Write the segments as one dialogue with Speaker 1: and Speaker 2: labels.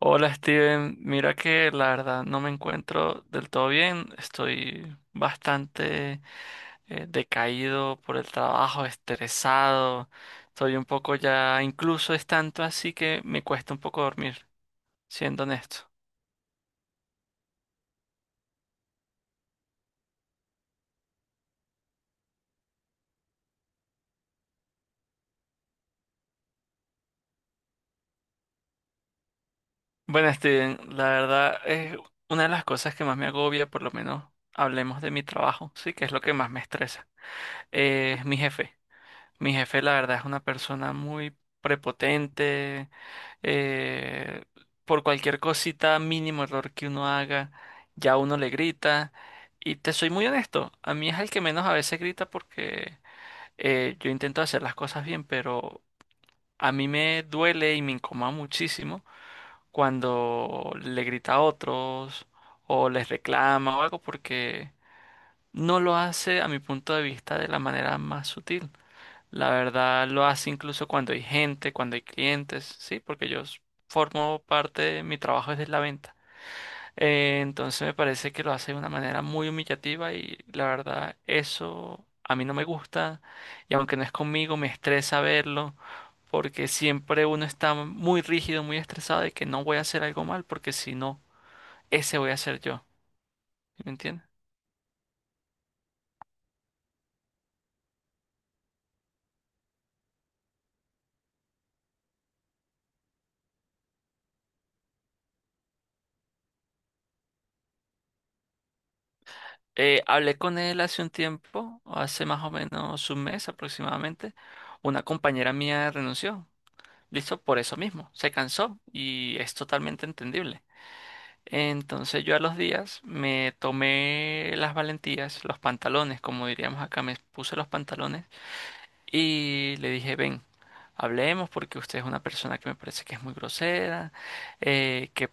Speaker 1: Hola Steven, mira que la verdad no me encuentro del todo bien, estoy bastante decaído por el trabajo, estresado, estoy un poco ya, incluso es tanto así que me cuesta un poco dormir, siendo honesto. Bueno Steven, la verdad es una de las cosas que más me agobia, por lo menos hablemos de mi trabajo, sí, que es lo que más me estresa, es mi jefe. Mi jefe, la verdad, es una persona muy prepotente. eh, por cualquier cosita, mínimo error que uno haga, ya uno le grita. Y te soy muy honesto, a mí es el que menos a veces grita porque yo intento hacer las cosas bien, pero a mí me duele y me incomoda muchísimo cuando le grita a otros o les reclama o algo porque no lo hace a mi punto de vista de la manera más sutil. La verdad lo hace incluso cuando hay gente, cuando hay clientes, sí, porque formo parte de mi trabajo es de la venta. Entonces me parece que lo hace de una manera muy humillativa y la verdad eso a mí no me gusta, y aunque no es conmigo me estresa verlo porque siempre uno está muy rígido, muy estresado de que no voy a hacer algo mal porque si no, ese voy a ser yo. ¿Sí? ¿Me entiendes? Hablé con él hace un tiempo, hace más o menos un mes aproximadamente. Una compañera mía renunció. Listo, por eso mismo. Se cansó y es totalmente entendible. Entonces yo a los días me tomé las valentías, los pantalones, como diríamos acá, me puse los pantalones y le dije, ven, hablemos porque usted es una persona que me parece que es muy grosera, que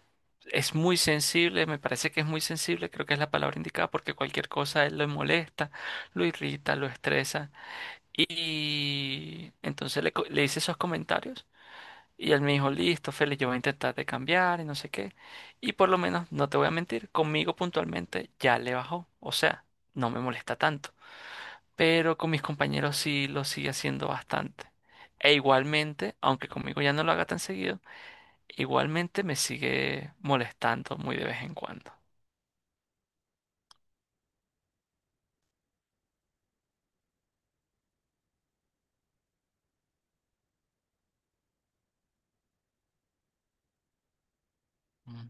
Speaker 1: es muy sensible, me parece que es muy sensible, creo que es la palabra indicada porque cualquier cosa a él lo molesta, lo irrita, lo estresa. Y entonces le hice esos comentarios y él me dijo, listo, Félix, yo voy a intentar de cambiar y no sé qué. Y por lo menos, no te voy a mentir, conmigo puntualmente ya le bajó, o sea, no me molesta tanto, pero con mis compañeros sí lo sigue haciendo bastante. E igualmente, aunque conmigo ya no lo haga tan seguido, igualmente me sigue molestando muy de vez en cuando. Mm.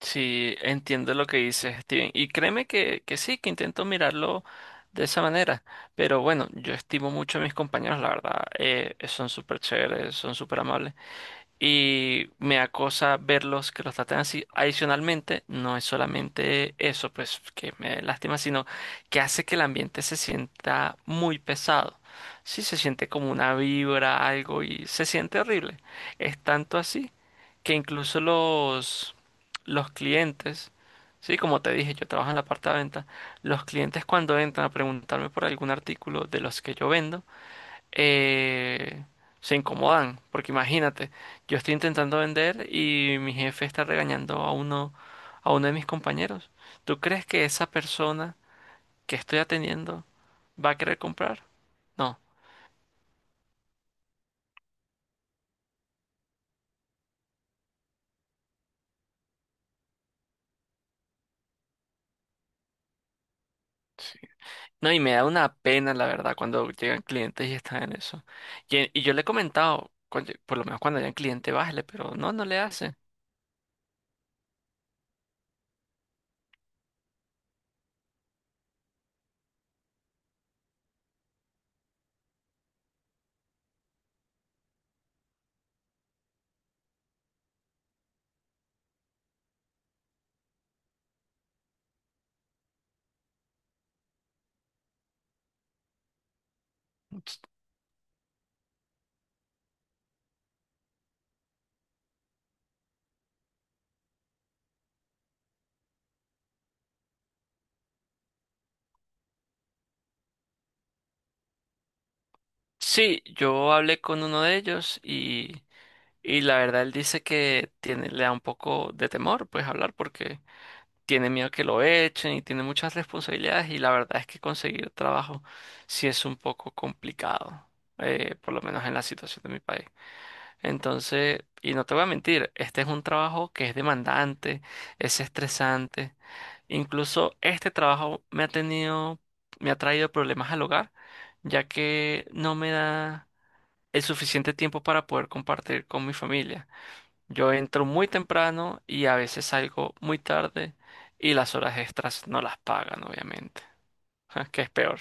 Speaker 1: Sí, entiendo lo que dices, Steven. Y créeme que sí, que intento mirarlo de esa manera. Pero bueno, yo estimo mucho a mis compañeros, la verdad. Son súper chéveres, son súper amables, y me da cosa verlos que los tratan así. Adicionalmente, no es solamente eso, pues, que me lastima, sino que hace que el ambiente se sienta muy pesado. Sí, se siente como una vibra, algo, y se siente horrible. Es tanto así que incluso los clientes, sí, como te dije, yo trabajo en la parte de venta, los clientes cuando entran a preguntarme por algún artículo de los que yo vendo, eh, se incomodan, porque imagínate, yo estoy intentando vender y mi jefe está regañando a uno de mis compañeros. ¿Tú crees que esa persona que estoy atendiendo va a querer comprar? No. Sí. No, y me da una pena, la verdad, cuando llegan clientes y están en eso. Y yo le he comentado, "Coño, por lo menos cuando haya un cliente, bájale", pero no, no le hace. Sí, yo hablé con uno de ellos y la verdad, él dice que tiene, le da un poco de temor, pues, hablar porque tiene miedo que lo echen y tiene muchas responsabilidades y la verdad es que conseguir trabajo sí es un poco complicado, por lo menos en la situación de mi país. Entonces, y no te voy a mentir, este es un trabajo que es demandante, es estresante. Incluso este trabajo me ha tenido, me ha traído problemas al hogar, ya que no me da el suficiente tiempo para poder compartir con mi familia. Yo entro muy temprano y a veces salgo muy tarde y las horas extras no las pagan, obviamente, que es peor.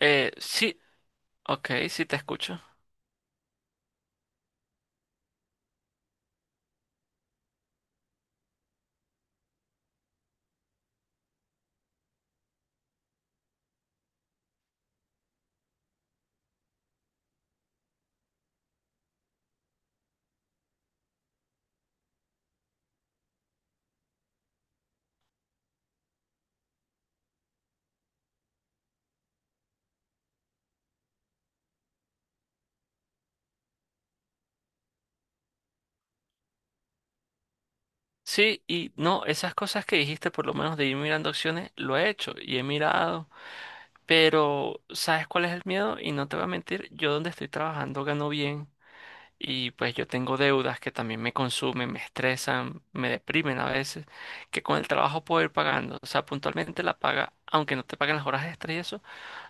Speaker 1: Sí, ok, sí te escucho. Sí, y no, esas cosas que dijiste, por lo menos de ir mirando opciones, lo he hecho y he mirado, pero ¿sabes cuál es el miedo? Y no te voy a mentir, yo donde estoy trabajando gano bien y pues yo tengo deudas que también me consumen, me estresan, me deprimen a veces, que con el trabajo puedo ir pagando, o sea, puntualmente la paga, aunque no te paguen las horas extras y eso,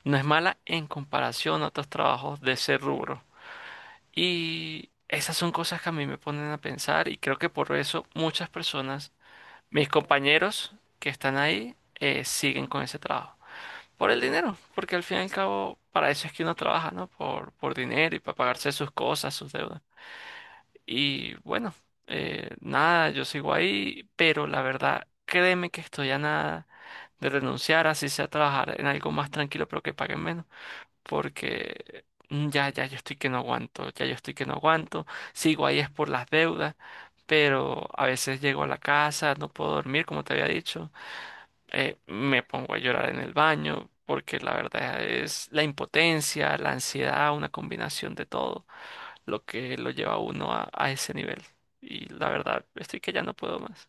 Speaker 1: no es mala en comparación a otros trabajos de ese rubro. Y esas son cosas que a mí me ponen a pensar y creo que por eso muchas personas, mis compañeros que están ahí, siguen con ese trabajo. Por el dinero, porque al fin y al cabo para eso es que uno trabaja, ¿no? Por dinero y para pagarse sus cosas, sus deudas. Y bueno, nada, yo sigo ahí, pero la verdad, créeme que estoy a nada de renunciar, así sea trabajar en algo más tranquilo, pero que paguen menos porque ya, ya yo estoy que no aguanto, ya yo estoy que no aguanto, sigo ahí es por las deudas, pero a veces llego a la casa, no puedo dormir, como te había dicho, me pongo a llorar en el baño, porque la verdad es la impotencia, la ansiedad, una combinación de todo lo que lo lleva a uno a ese nivel. Y la verdad, estoy que ya no puedo más.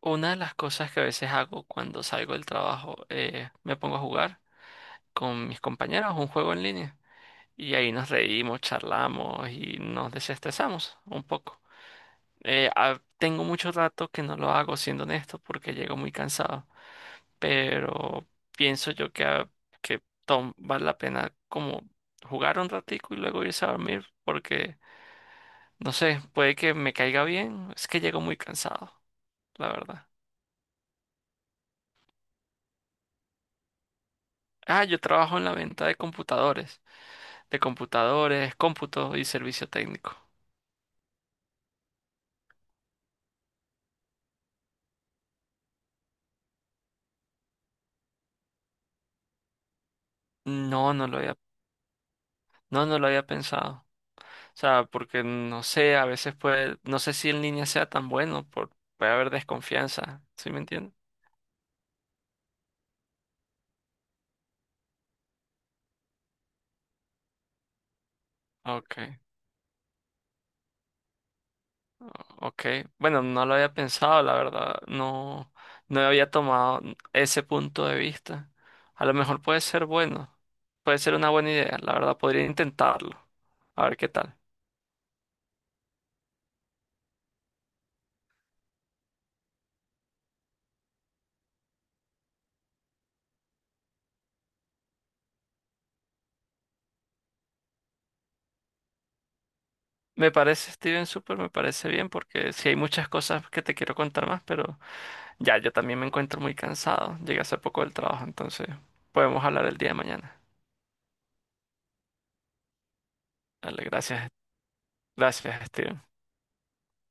Speaker 1: Una de las cosas que a veces hago cuando salgo del trabajo, me pongo a jugar con mis compañeros un juego en línea. Y ahí nos reímos, charlamos y nos desestresamos un poco. Tengo mucho rato que no lo hago, siendo honesto, porque llego muy cansado. Pero pienso yo que, que vale la pena como jugar un ratico y luego irse a dormir, porque no sé, puede que me caiga bien. Es que llego muy cansado, la verdad. Ah, yo trabajo en la venta de computadores, cómputo y servicio técnico. No, no lo había, no, no lo había pensado. O sea, porque no sé, a veces puede, no sé si en línea sea tan bueno, por, puede haber desconfianza, ¿sí me entiendes? Okay, okay. Bueno, no lo había pensado, la verdad, no, no había tomado ese punto de vista. A lo mejor puede ser bueno, puede ser una buena idea, la verdad, podría intentarlo, a ver qué tal. Me parece, Steven, súper, me parece bien, porque sí hay muchas cosas que te quiero contar más, pero ya yo también me encuentro muy cansado, llegué hace poco del trabajo, entonces podemos hablar el día de mañana. Dale, gracias, gracias, Steven.